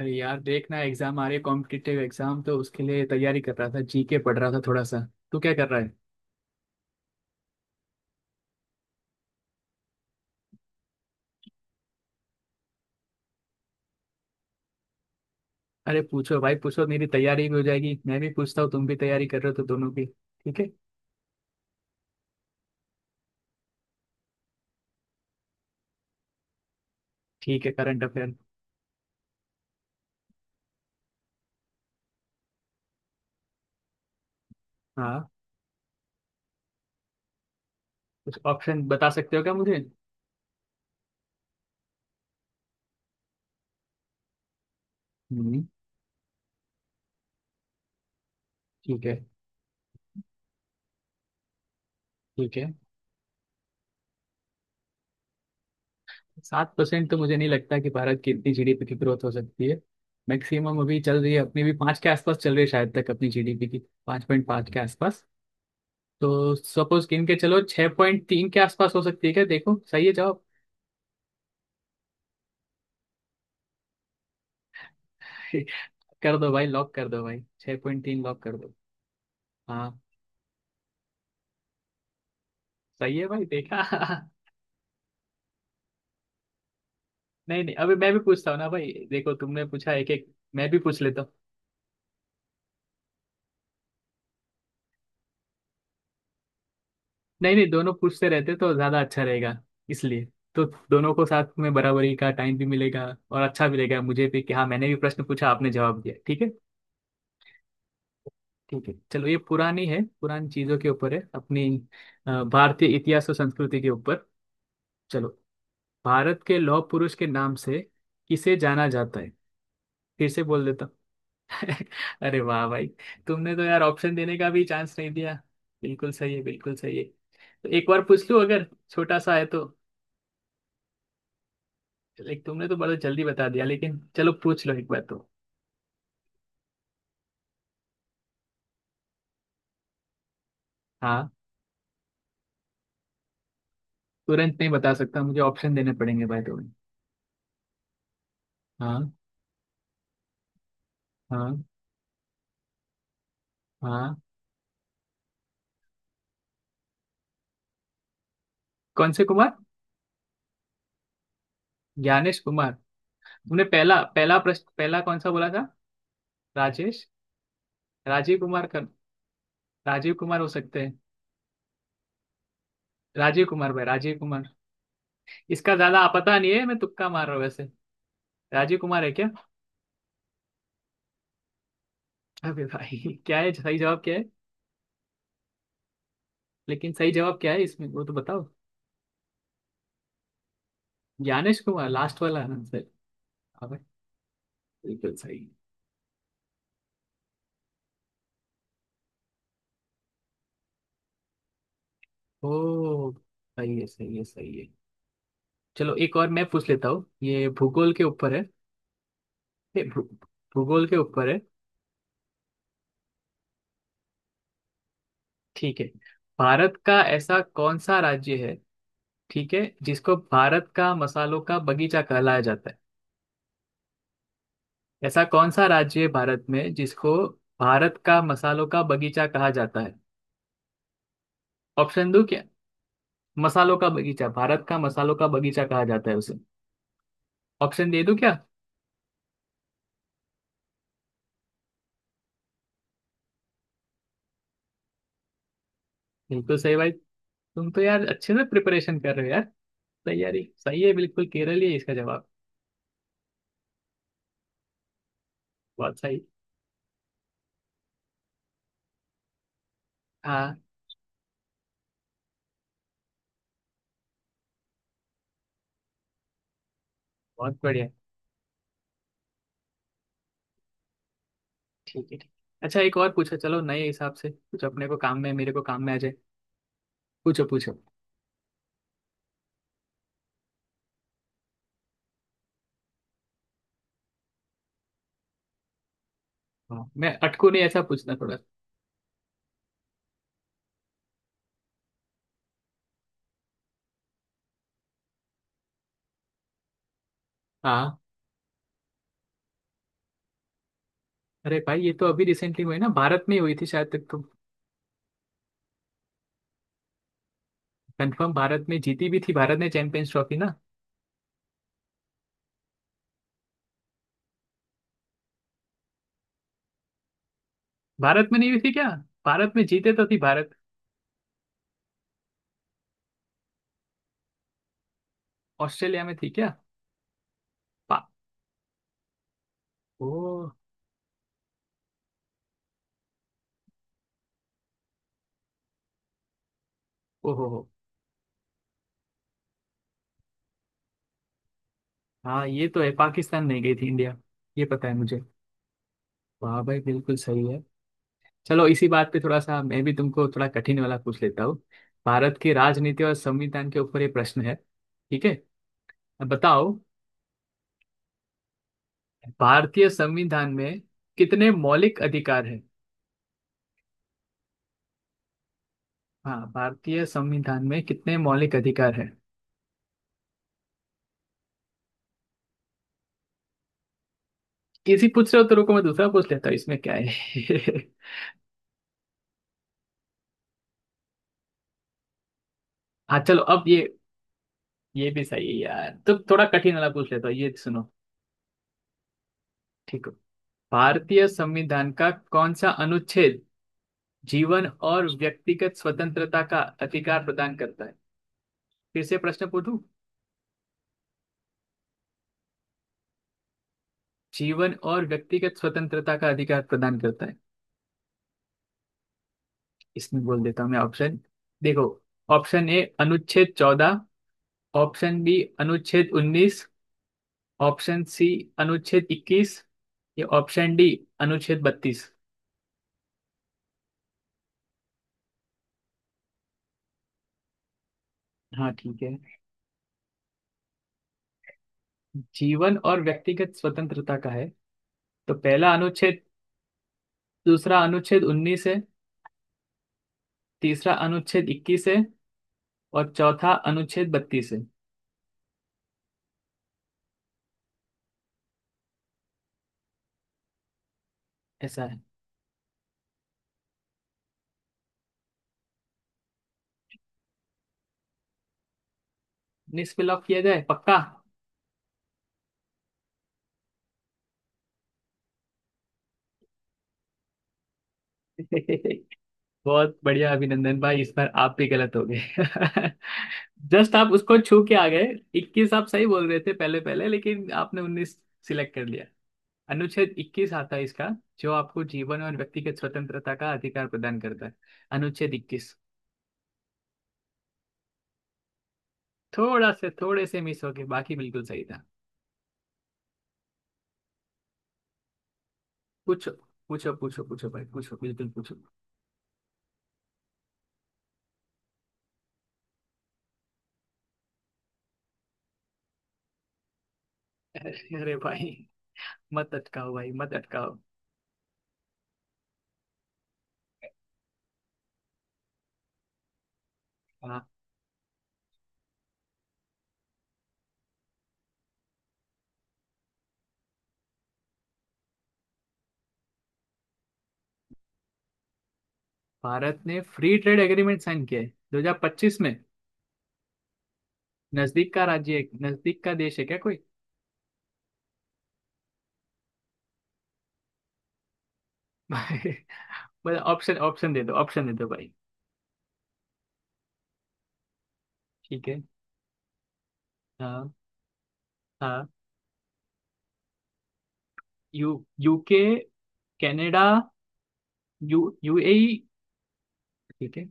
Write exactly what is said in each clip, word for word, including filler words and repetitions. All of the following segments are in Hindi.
अरे यार देखना, एग्जाम आ रही है। कॉम्पिटिटिव एग्जाम तो उसके लिए तैयारी कर रहा था, जीके पढ़ रहा था थोड़ा सा। तू क्या कर रहा है? अरे पूछो भाई पूछो, मेरी तैयारी भी हो जाएगी, मैं भी पूछता हूँ, तुम भी तैयारी कर रहे हो तो दोनों की ठीक है। ठीक है, करंट अफेयर। हाँ। कुछ ऑप्शन बता सकते हो क्या मुझे? हम्म। ठीक है। ठीक है। सात परसेंट तो मुझे नहीं लगता कि भारत की इतनी जीडीपी की ग्रोथ हो सकती है। मैक्सिमम अभी चल रही है, अपनी भी पाँच के आसपास चल रही है शायद तक अपनी जीडीपी की। पाँच पॉइंट पाँच के आसपास। तो सपोज गिन के चलो, छह पॉइंट तीन के आसपास हो सकती है क्या? देखो सही है जवाब? कर दो भाई लॉक कर दो भाई, छह पॉइंट तीन लॉक कर दो। हाँ। सही है भाई, देखा। नहीं नहीं, अभी मैं भी पूछता हूँ ना भाई, देखो तुमने पूछा एक एक, मैं भी पूछ लेता हूँ। नहीं नहीं, दोनों पूछते रहते तो ज्यादा अच्छा रहेगा, इसलिए तो दोनों को साथ में बराबरी का टाइम भी मिलेगा, और अच्छा भी लगेगा मुझे भी कि हाँ मैंने भी प्रश्न पूछा, आपने जवाब दिया, ठीक है। ठीक है, चलो ये पुरानी है, पुरानी चीजों के ऊपर है अपनी। अ, भारतीय इतिहास और संस्कृति के ऊपर। चलो। भारत के लौह पुरुष के नाम से किसे जाना जाता है? फिर से बोल देता हूँ। अरे वाह भाई! तुमने तो यार ऑप्शन देने का भी चांस नहीं दिया। बिल्कुल सही है, बिल्कुल सही है। तो एक बार पूछ लूँ अगर छोटा सा है तो। लाइक तुमने तो बड़ा जल्दी बता दिया, लेकिन चलो पूछ लो एक बार तो। हाँ। तुरंत नहीं बता सकता, मुझे ऑप्शन देने पड़ेंगे भाई तुम्हें। हाँ। हाँ। हाँ। कौन से कुमार? ज्ञानेश कुमार। तुमने पहला पहला प्रश्न, पहला कौन सा बोला था? राजेश? राजीव कुमार कर? राजीव कुमार हो सकते हैं। राजीव कुमार भाई, राजीव कुमार। इसका ज्यादा पता नहीं है, मैं तुक्का मार रहा हूँ वैसे। राजीव कुमार है क्या? अबे भाई! क्या है, सही जवाब क्या है? लेकिन सही जवाब क्या है इसमें, वो तो बताओ। ज्ञानेश कुमार, लास्ट वाला आंसर। अबे! बिल्कुल सही। ओ। सही है, सही है, सही है। चलो एक और मैं पूछ लेता हूँ, ये भूगोल के ऊपर है। ये भू, भूगोल के ऊपर है। ठीक है, भारत का ऐसा कौन सा राज्य है, ठीक है, जिसको भारत का मसालों का बगीचा कहलाया जाता है? ऐसा कौन सा राज्य है भारत में जिसको भारत का मसालों का बगीचा कहा जाता है? ऑप्शन दो क्या? मसालों का बगीचा, भारत का मसालों का बगीचा कहा जाता है उसे। ऑप्शन दे दूं क्या? बिल्कुल सही भाई! तुम तो यार अच्छे से प्रिपरेशन कर रहे हो यार। तैयारी सही है, बिल्कुल केरल ही है इसका जवाब। बहुत सही। हाँ। बहुत बढ़िया। ठीक है, ठीक। अच्छा एक और पूछो, चलो नए हिसाब से कुछ अपने को काम में, मेरे को काम में आ जाए। पूछो पूछो। हाँ, मैं अटकू नहीं ऐसा पूछना थोड़ा। हाँ। अरे भाई ये तो अभी रिसेंटली हुई ना, भारत में हुई थी शायद तक। कंफर्म, भारत में जीती भी थी भारत ने चैंपियंस ट्रॉफी ना। भारत में नहीं हुई थी क्या? भारत में जीते तो थी भारत। ऑस्ट्रेलिया में थी क्या? पा ओ। ओहो हो। हाँ ये तो है, पाकिस्तान नहीं गई थी इंडिया, ये पता है मुझे। वाह भाई, बिल्कुल सही है। चलो इसी बात पे थोड़ा सा मैं भी तुमको थोड़ा कठिन वाला पूछ लेता हूँ। भारत की राजनीति और संविधान के ऊपर ये प्रश्न है, ठीक है। अब बताओ, भारतीय संविधान में कितने मौलिक अधिकार हैं? हाँ, भारतीय संविधान में कितने मौलिक अधिकार हैं? इसी पूछ रहे हो तो रुको, मैं दूसरा पूछ लेता हूँ इसमें, क्या है? हाँ चलो अब ये ये भी सही है यार, तो थोड़ा कठिन वाला पूछ लेता हूँ, ये सुनो। ठीक हो? भारतीय संविधान का कौन सा अनुच्छेद जीवन और व्यक्तिगत स्वतंत्रता का अधिकार प्रदान करता है? फिर से प्रश्न पूछूं? जीवन और व्यक्तिगत स्वतंत्रता का अधिकार प्रदान करता है। इसमें बोल देता हूँ मैं ऑप्शन, देखो। ऑप्शन ए, अनुच्छेद चौदह। ऑप्शन बी, अनुच्छेद उन्नीस। ऑप्शन सी, अनुच्छेद इक्कीस। या ऑप्शन डी, अनुच्छेद बत्तीस। हाँ, ठीक है। जीवन और व्यक्तिगत स्वतंत्रता का है, तो पहला अनुच्छेद। दूसरा अनुच्छेद उन्नीस है, तीसरा अनुच्छेद इक्कीस है, और चौथा अनुच्छेद बत्तीस है। ऐसा है। उन्नीस पे लॉक किया जाए पक्का? बहुत बढ़िया अभिनंदन भाई, इस बार आप भी गलत हो गए। जस्ट आप उसको छू के आ गए। इक्कीस आप सही बोल रहे थे पहले पहले, लेकिन आपने उन्नीस सिलेक्ट कर लिया। अनुच्छेद इक्कीस आता है इसका, जो आपको जीवन और व्यक्तिगत स्वतंत्रता का अधिकार प्रदान करता है, अनुच्छेद इक्कीस। थोड़ा से, थोड़े से मिस हो गए, बाकी बिल्कुल सही था। पूछो पूछो पूछो पूछो भाई पूछो, बिल्कुल पूछो। अरे अरे भाई, मत अटकाओ भाई मत अटकाओ। हाँ। भारत ने फ्री ट्रेड एग्रीमेंट साइन किया है दो हज़ार पच्चीस में। नजदीक का राज्य है, नजदीक का देश है क्या कोई? भाई मतलब ऑप्शन ऑप्शन दे दो, ऑप्शन दे दो भाई। ठीक है। हाँ। हाँ। U UK, Canada, U UAE. ठीक है,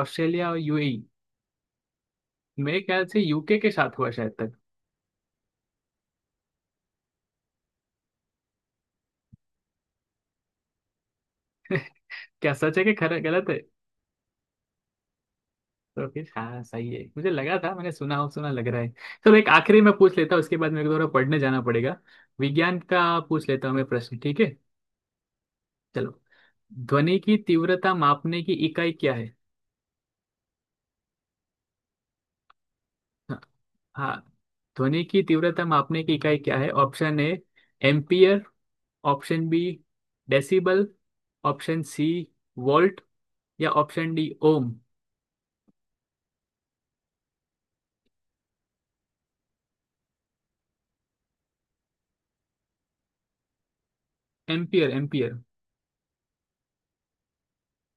ऑस्ट्रेलिया और यूएई। मेरे ख्याल से यूके के साथ हुआ शायद तक। क्या सच है कि खरा गलत है? तो फिर हाँ सही है, मुझे लगा था मैंने सुना हो, सुना लग रहा है। चलो एक आखिरी मैं पूछ लेता हूँ, उसके बाद मेरे को थोड़ा पढ़ने जाना पड़ेगा। विज्ञान का पूछ लेता हूँ मैं प्रश्न, ठीक है। चलो, ध्वनि की तीव्रता मापने की इकाई क्या है? हाँ। हाँ, ध्वनि की तीव्रता मापने की इकाई क्या है? Option A, ampere. Option B, decibel. Option C, volt. या option D, ohm. Ampere, ampere.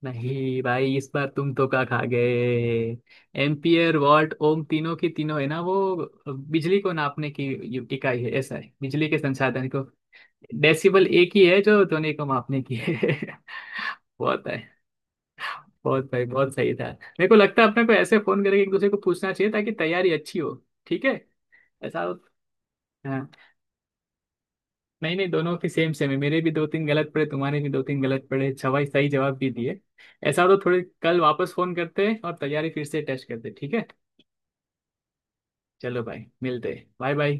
नहीं भाई, इस बार तुम तो का खा गए। एम्पियर, वॉट, ओम तीनों की तीनों है ना वो, बिजली को नापने की यू- इकाई है। ऐसा है, बिजली के संसाधन को। डेसिबल एक ही है जो ध्वनि को मापने की है। बहुत है। बहुत भाई, बहुत सही था। मेरे को लगता है अपने को ऐसे फोन करके एक दूसरे को पूछना चाहिए ताकि तैयारी अच्छी हो, ठीक है। ऐसा हो। हाँ। नहीं नहीं, दोनों की सेम सेम है, मेरे भी दो तीन गलत पड़े, तुम्हारे भी दो तीन गलत पड़े, सवाई सही जवाब भी दिए। ऐसा हो तो थोड़े कल वापस फोन करते हैं और तैयारी फिर से टेस्ट करते हैं, ठीक है। चलो भाई मिलते हैं, बाय बाय।